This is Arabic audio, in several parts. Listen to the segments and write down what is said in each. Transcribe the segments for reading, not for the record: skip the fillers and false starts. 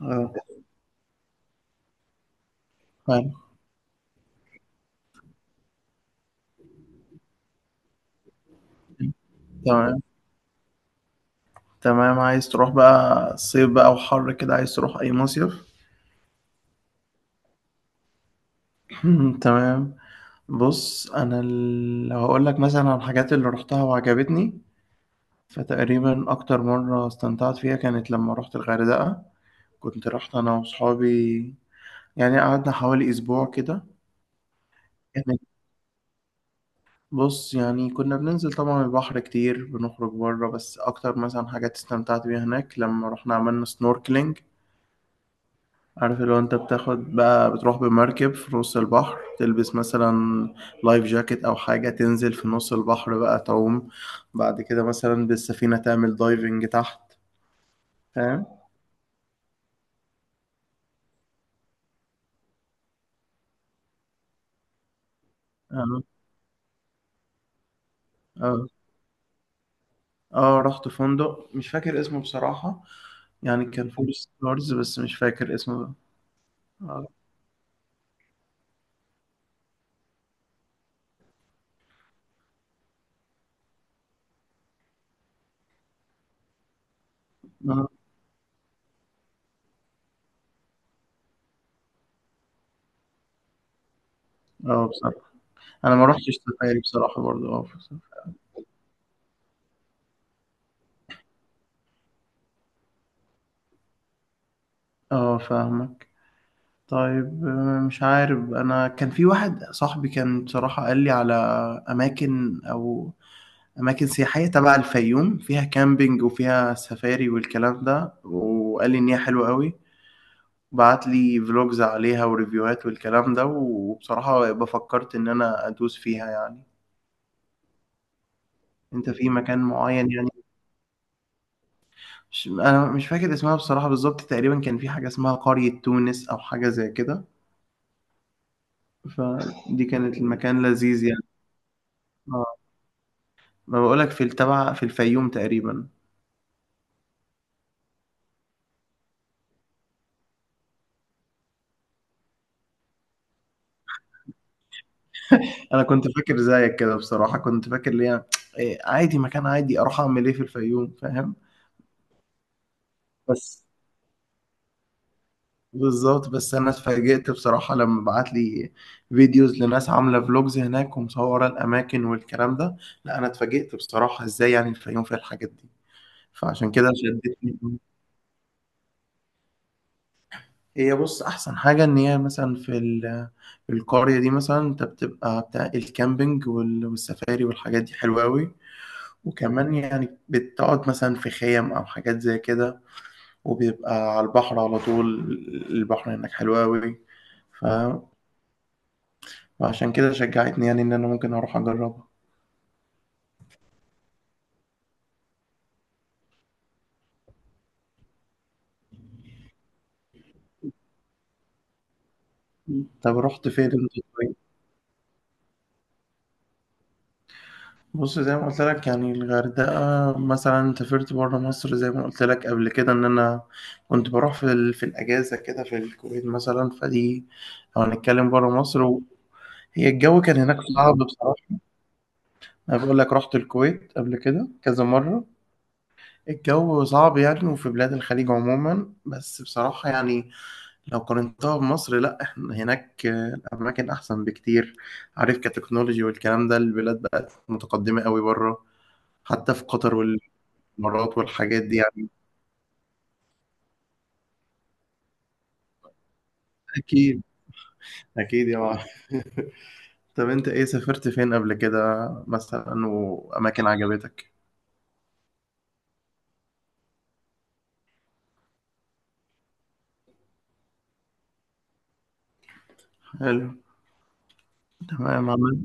آه، فاهم. تمام، تمام، عايز تروح بقى صيف بقى وحر كده، عايز تروح أي مصيف؟ تمام. بص أنا لو هقول لك مثلا عن الحاجات اللي روحتها وعجبتني، فتقريبا أكتر مرة استمتعت فيها كانت لما روحت الغردقة. كنت رحت أنا وصحابي، يعني قعدنا حوالي أسبوع كده. كانت- بص يعني كنا بننزل طبعا البحر كتير، بنخرج بره، بس أكتر مثلا حاجات استمتعت بيها هناك لما رحنا عملنا سنوركلينج. عارف اللي هو انت بتاخد بقى، بتروح بمركب في نص البحر، تلبس مثلا لايف جاكيت او حاجة، تنزل في نص البحر بقى تعوم. بعد كده مثلا بالسفينة تعمل دايفنج تحت. فاهم. اه، اه، اه، رحت فندق مش فاكر اسمه بصراحة. يعني كان فور ستارز بس مش فاكر اسمه. اه، اه، اه بصراحة، انا ما رحتش سفاري بصراحة برضو، اه بصراحة. اه، فاهمك. طيب مش عارف، انا كان في واحد صاحبي كان بصراحة قال لي على اماكن، او اماكن سياحية تبع الفيوم، فيها كامبينج وفيها سفاري والكلام ده، وقال لي ان هي حلوة قوي. بعت لي فلوجز عليها وريفيوهات والكلام ده، وبصراحة بفكرت ان انا ادوس فيها يعني. انت في مكان معين يعني. مش انا مش فاكر اسمها بصراحة بالظبط، تقريبا كان في حاجة اسمها قرية تونس او حاجة زي كده. فدي كانت المكان لذيذ يعني. آه. ما بقولك في التبع في الفيوم تقريبا. انا كنت فاكر زيك كده بصراحة، كنت فاكر ليه إيه، عادي، مكان عادي، اروح اعمل ايه في الفيوم، فاهم؟ بس بالظبط، بس انا اتفاجئت بصراحة لما بعت لي فيديوز لناس عاملة فلوجز هناك ومصورة الاماكن والكلام ده. لا، انا اتفاجئت بصراحة ازاي يعني الفيوم فيها الحاجات دي. فعشان كده شدتني. هي بص، احسن حاجه ان هي مثلا في القريه دي، مثلا انت بتبقى بتاع الكامبينج والسفاري والحاجات دي حلوه قوي. وكمان يعني بتقعد مثلا في خيم أو حاجات زي كده، وبيبقى على البحر على طول. البحر هناك حلو أوي. ف... فعشان كده شجعتني يعني إن أنا ممكن أروح أجربها. مم. طب رحت فين انت طيب؟ بص، زي ما قلت لك يعني الغردقة، مثلا سافرت بره مصر زي ما قلت لك قبل كده، إن أنا كنت بروح في الأجازة كده في الكويت مثلا، فدي لو هنتكلم بره مصر هي الجو كان هناك صعب بصراحة. أنا بقول لك رحت الكويت قبل كده كذا مرة، الجو صعب يعني، وفي بلاد الخليج عموما، بس بصراحة يعني لو قارنتها بمصر، لا، احنا هناك الأماكن أحسن بكتير. عارف كتكنولوجي والكلام ده، البلاد بقت متقدمة قوي بره، حتى في قطر والإمارات والحاجات دي يعني. أكيد. أكيد يا معلم. طب أنت إيه سافرت فين قبل كده مثلا، وأماكن عجبتك؟ حلو. تمام، عملت.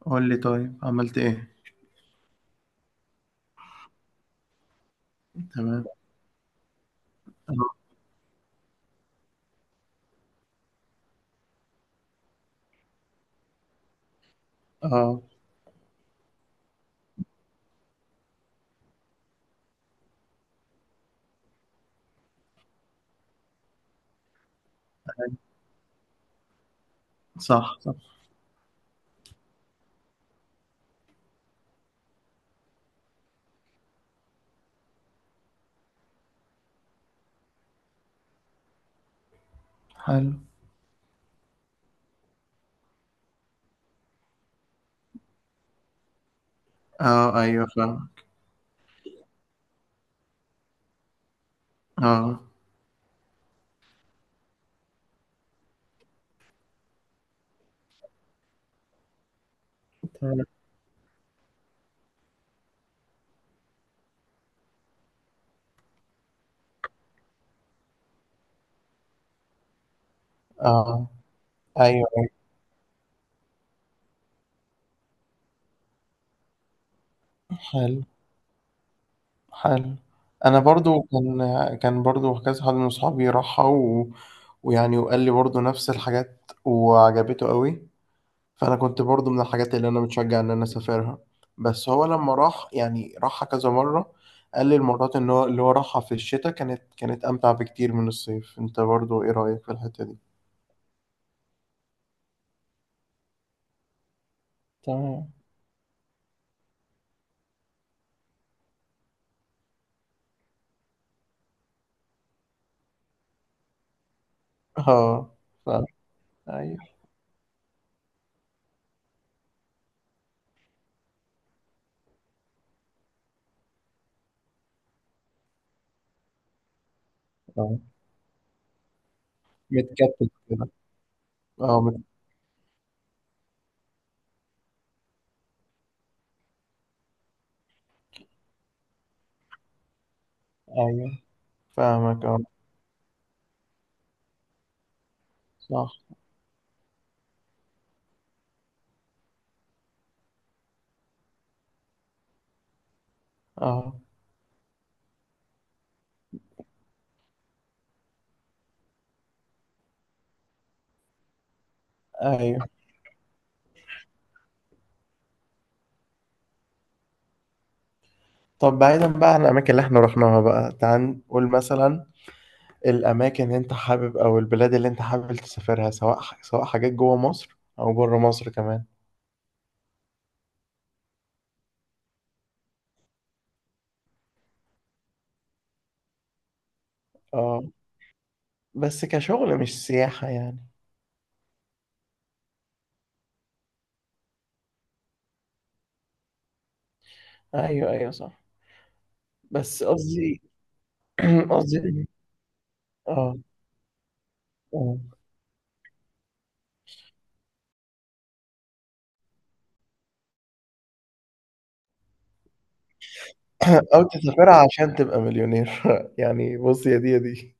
قول لي طيب، عملت إيه؟ تمام. أه. آه. صح، صح. حلو. أه، أيوه، فاهم. أه. تمام. اه، ايوه، أيوة. حلو. حلو. انا برضو كان برضو كذا حد من اصحابي راحها ويعني، وقال لي برضو نفس الحاجات وعجبته قوي. فانا كنت برضو من الحاجات اللي انا متشجع ان انا اسافرها. بس هو لما راح يعني، راحها كذا مرة. قال لي المرات ان هو اللي هو راحها في الشتاء، كانت امتع بكتير من الصيف، انت برضو ايه رأيك في الحتة دي؟ تمام. اه. ف... ايوه. آه. متكتل كده. اه، ايوه، فاهمك، اه، صح، اه، ايوه. طب بعيدا بقى عن الاماكن اللي احنا رحناها بقى، تعال نقول مثلا الاماكن اللي انت حابب، او البلاد اللي انت حابب تسافرها، سواء حاجات جوه مصر او بره مصر كمان. اه. بس كشغل مش سياحة يعني. ايوه، ايوه، صح. بس قصدي قصدي، اه، اه، او تسافرها عشان تبقى مليونير. يعني بص، يا دي يا دي.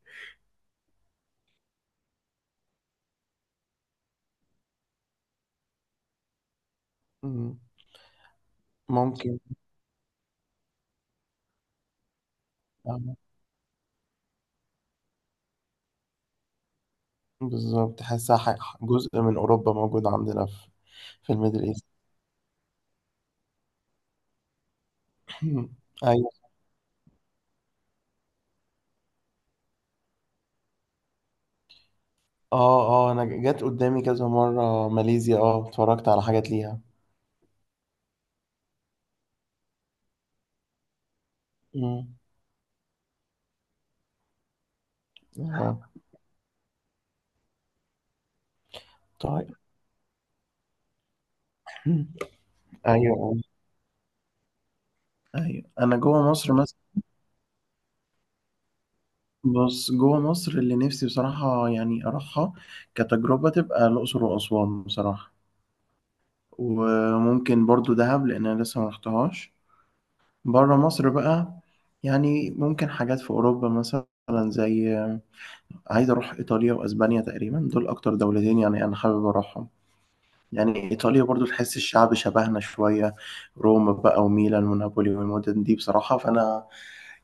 مم. ممكن. آه، بالظبط، تحسها جزء من اوروبا موجود عندنا في الميدل ايست. ايوه. اه، اه، انا جت قدامي كذا مره ماليزيا، اه، اتفرجت على حاجات ليها. مم. اه، طيب. مم. ايوه، ايوه. انا جوه مصر مثلا. بص جوه مصر اللي نفسي بصراحه يعني اروحها كتجربه، تبقى الاقصر واسوان بصراحه. وممكن برضو دهب لان انا لسه ما رحتهاش. بره مصر بقى، يعني ممكن حاجات في اوروبا مثلا، زي، عايز اروح ايطاليا واسبانيا، تقريبا دول اكتر دولتين يعني انا حابب اروحهم. يعني إيطاليا برضو تحس الشعب شبهنا شوية، روما بقى وميلان ونابولي والمدن دي بصراحة. فأنا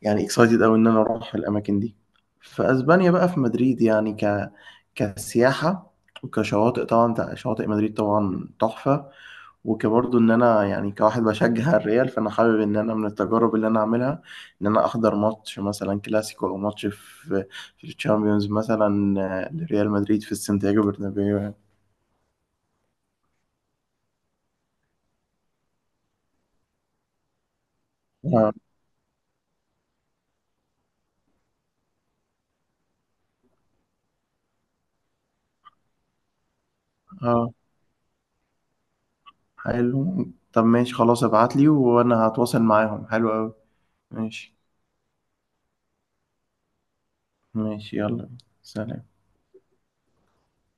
يعني اكسايتد أوي إن أنا أروح الأماكن دي. في أسبانيا بقى في مدريد، يعني كسياحة، وكشواطئ، طبعا شواطئ مدريد طبعا تحفة. وكبرضو إن أنا يعني كواحد بشجع الريال، فأنا حابب إن أنا من التجارب اللي أنا أعملها إن أنا أحضر ماتش مثلا كلاسيكو، أو ماتش في الشامبيونز مثلا، لريال مدريد في السانتياغو برنابيو يعني. آه. آه. حلو. طب ماشي، خلاص ابعت لي وانا هتواصل معاهم، حلو قوي. ماشي. ماشي، يلا، سلام.